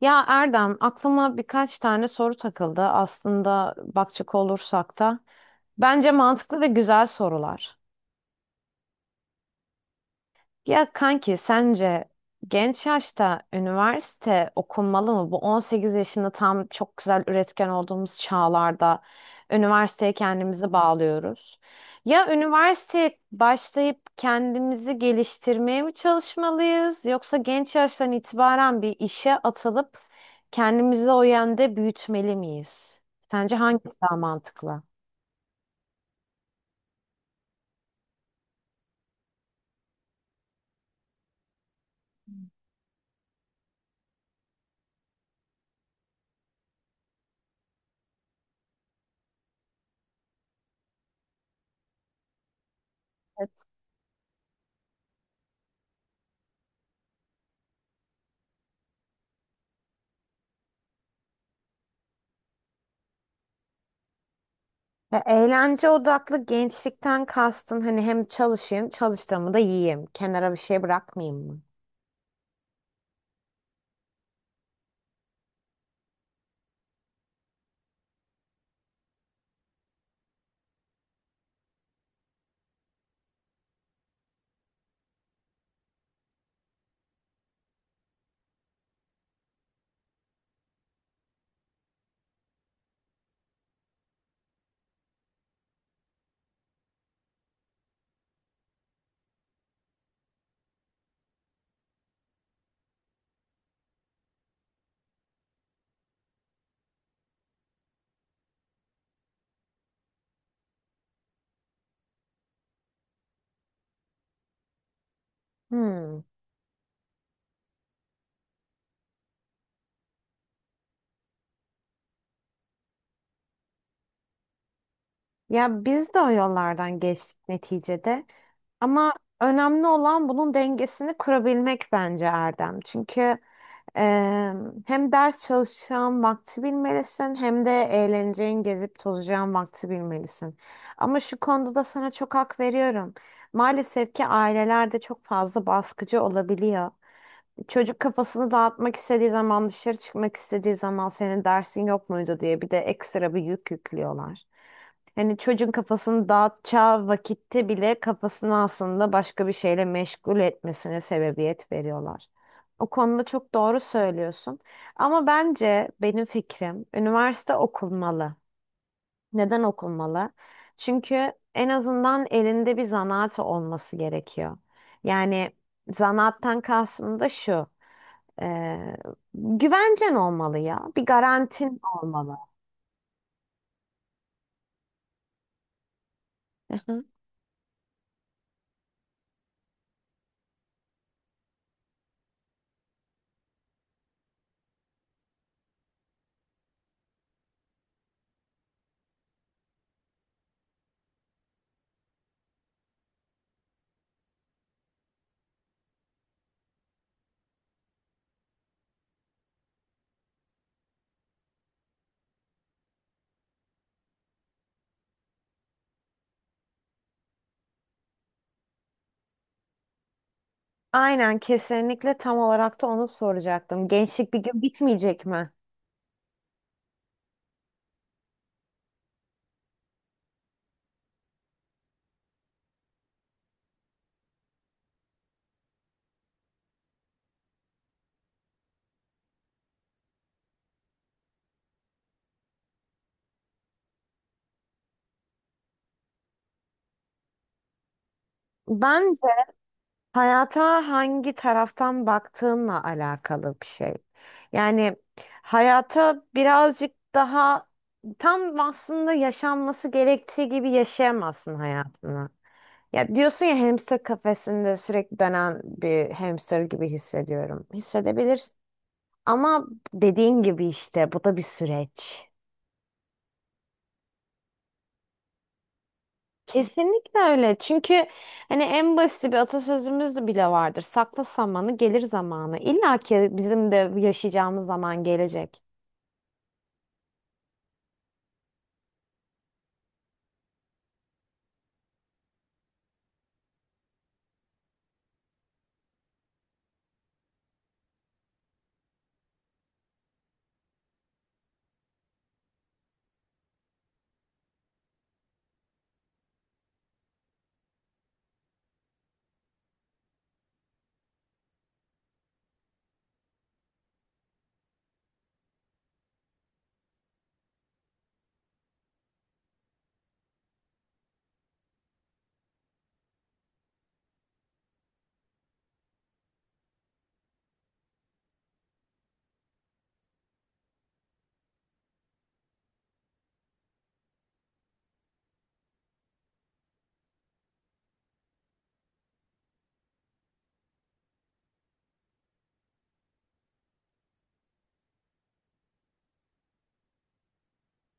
Ya Erdem, aklıma birkaç tane soru takıldı. Aslında bakacak olursak da bence mantıklı ve güzel sorular. Ya kanki sence genç yaşta üniversite okunmalı mı? Bu 18 yaşında tam çok güzel üretken olduğumuz çağlarda üniversiteye kendimizi bağlıyoruz. Ya üniversiteye başlayıp kendimizi geliştirmeye mi çalışmalıyız yoksa genç yaştan itibaren bir işe atılıp kendimizi o yönde büyütmeli miyiz? Sence hangisi daha mantıklı? Ya, eğlence odaklı gençlikten kastın hani hem çalışayım, çalıştığımı da yiyeyim. Kenara bir şey bırakmayayım mı? Hmm. Ya biz de o yollardan geçtik neticede. Ama önemli olan bunun dengesini kurabilmek bence Erdem. Çünkü eee, hem ders çalışacağın vakti bilmelisin hem de eğleneceğin, gezip tozacağın vakti bilmelisin. Ama şu konuda da sana çok hak veriyorum. Maalesef ki ailelerde çok fazla baskıcı olabiliyor. Çocuk kafasını dağıtmak istediği zaman, dışarı çıkmak istediği zaman senin dersin yok muydu diye bir de ekstra bir yük yüklüyorlar. Hani çocuğun kafasını dağıtacağı vakitte bile kafasını aslında başka bir şeyle meşgul etmesine sebebiyet veriyorlar. O konuda çok doğru söylüyorsun. Ama bence benim fikrim üniversite okunmalı. Neden okunmalı? Çünkü en azından elinde bir zanaat olması gerekiyor. Yani zanaattan kastım da şu. Ee, güvencen olmalı ya. Bir garantin olmalı. Aha. Aynen kesinlikle tam olarak da onu soracaktım. Gençlik bir gün bitmeyecek mi? Bence hayata hangi taraftan baktığınla alakalı bir şey. Yani hayata birazcık daha tam aslında yaşanması gerektiği gibi yaşayamazsın hayatını. Ya diyorsun ya hamster kafesinde sürekli dönen bir hamster gibi hissediyorum. Hissedebilirsin. Ama dediğin gibi işte bu da bir süreç. Kesinlikle öyle. Çünkü hani en basit bir atasözümüz de bile vardır. Sakla samanı gelir zamanı. İlla ki bizim de yaşayacağımız zaman gelecek.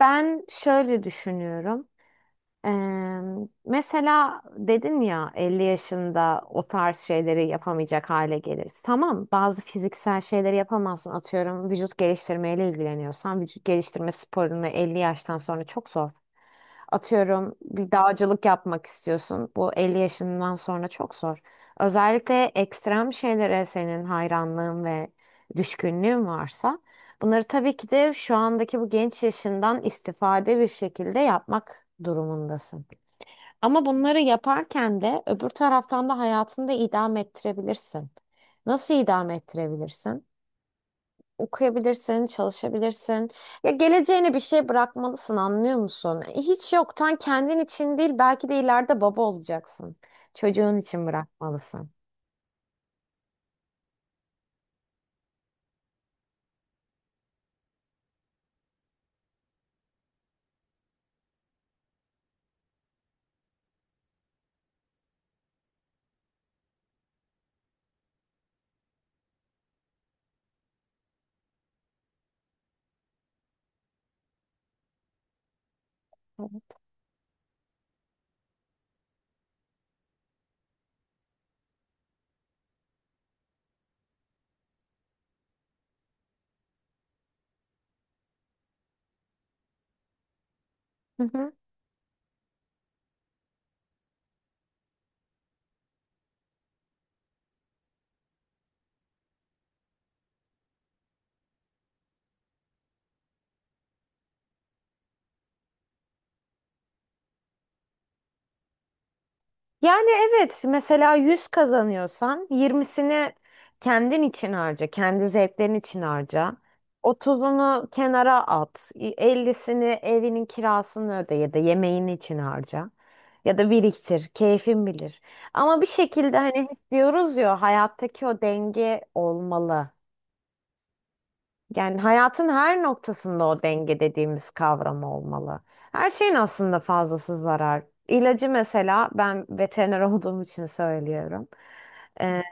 Ben şöyle düşünüyorum. Eee, mesela dedin ya 50 yaşında o tarz şeyleri yapamayacak hale geliriz. Tamam, bazı fiziksel şeyleri yapamazsın. Atıyorum vücut geliştirmeyle ilgileniyorsan vücut geliştirme sporunu 50 yaştan sonra çok zor. Atıyorum bir dağcılık yapmak istiyorsun. Bu 50 yaşından sonra çok zor. Özellikle ekstrem şeylere senin hayranlığın ve düşkünlüğün varsa bunları tabii ki de şu andaki bu genç yaşından istifade bir şekilde yapmak durumundasın. Ama bunları yaparken de öbür taraftan da hayatını da idame ettirebilirsin. Nasıl idame ettirebilirsin? Okuyabilirsin, çalışabilirsin. Ya geleceğine bir şey bırakmalısın, anlıyor musun? Hiç yoktan kendin için değil, belki de ileride baba olacaksın. Çocuğun için bırakmalısın. Hı hı. Yani evet mesela 100 kazanıyorsan 20'sini kendin için harca, kendi zevklerin için harca. 30'unu kenara at, 50'sini evinin kirasını öde ya da yemeğin için harca. Ya da biriktir, keyfin bilir. Ama bir şekilde hani hep diyoruz ya hayattaki o denge olmalı. Yani hayatın her noktasında o denge dediğimiz kavram olmalı. Her şeyin aslında fazlası zarar. İlacı mesela ben veteriner olduğum için söylüyorum. Ee,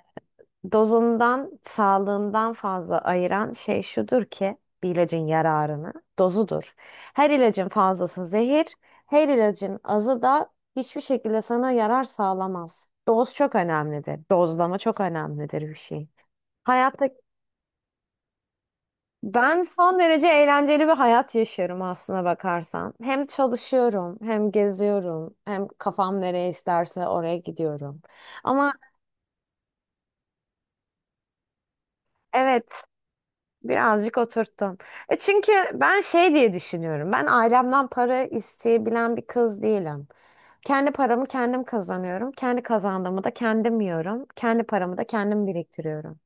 dozundan, sağlığından fazla ayıran şey şudur ki bir ilacın yararını, dozudur. Her ilacın fazlası zehir, her ilacın azı da hiçbir şekilde sana yarar sağlamaz. Doz çok önemlidir. Dozlama çok önemlidir bir şey. Hayatta. Ben son derece eğlenceli bir hayat yaşıyorum aslına bakarsan. Hem çalışıyorum, hem geziyorum, hem kafam nereye isterse oraya gidiyorum. Ama evet, birazcık oturttum. E çünkü ben şey diye düşünüyorum. Ben ailemden para isteyebilen bir kız değilim. Kendi paramı kendim kazanıyorum. Kendi kazandığımı da kendim yiyorum. Kendi paramı da kendim biriktiriyorum.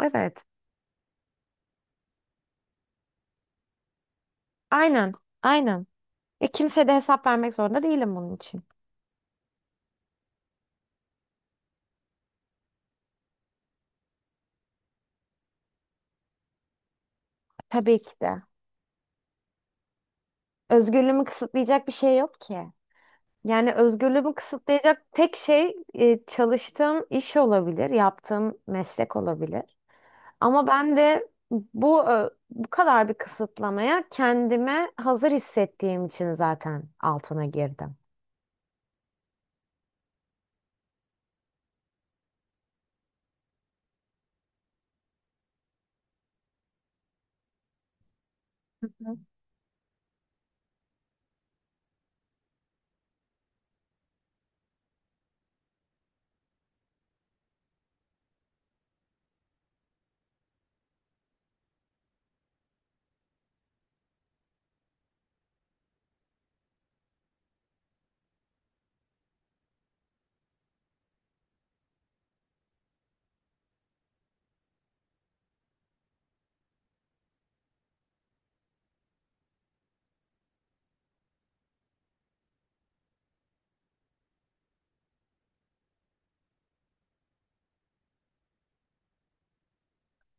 Evet, aynen, aynen. E kimseye de hesap vermek zorunda değilim bunun için. Tabii ki de. Özgürlüğümü kısıtlayacak bir şey yok ki. Yani özgürlüğümü kısıtlayacak tek şey çalıştığım iş olabilir, yaptığım meslek olabilir. Ama ben de bu kadar bir kısıtlamaya kendime hazır hissettiğim için zaten altına girdim. Hı.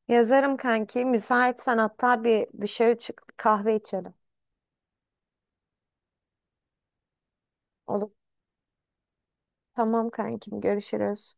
Yazarım kanki. Müsaitsen hatta bir dışarı çık kahve içelim. Olur. Tamam kankim, görüşürüz.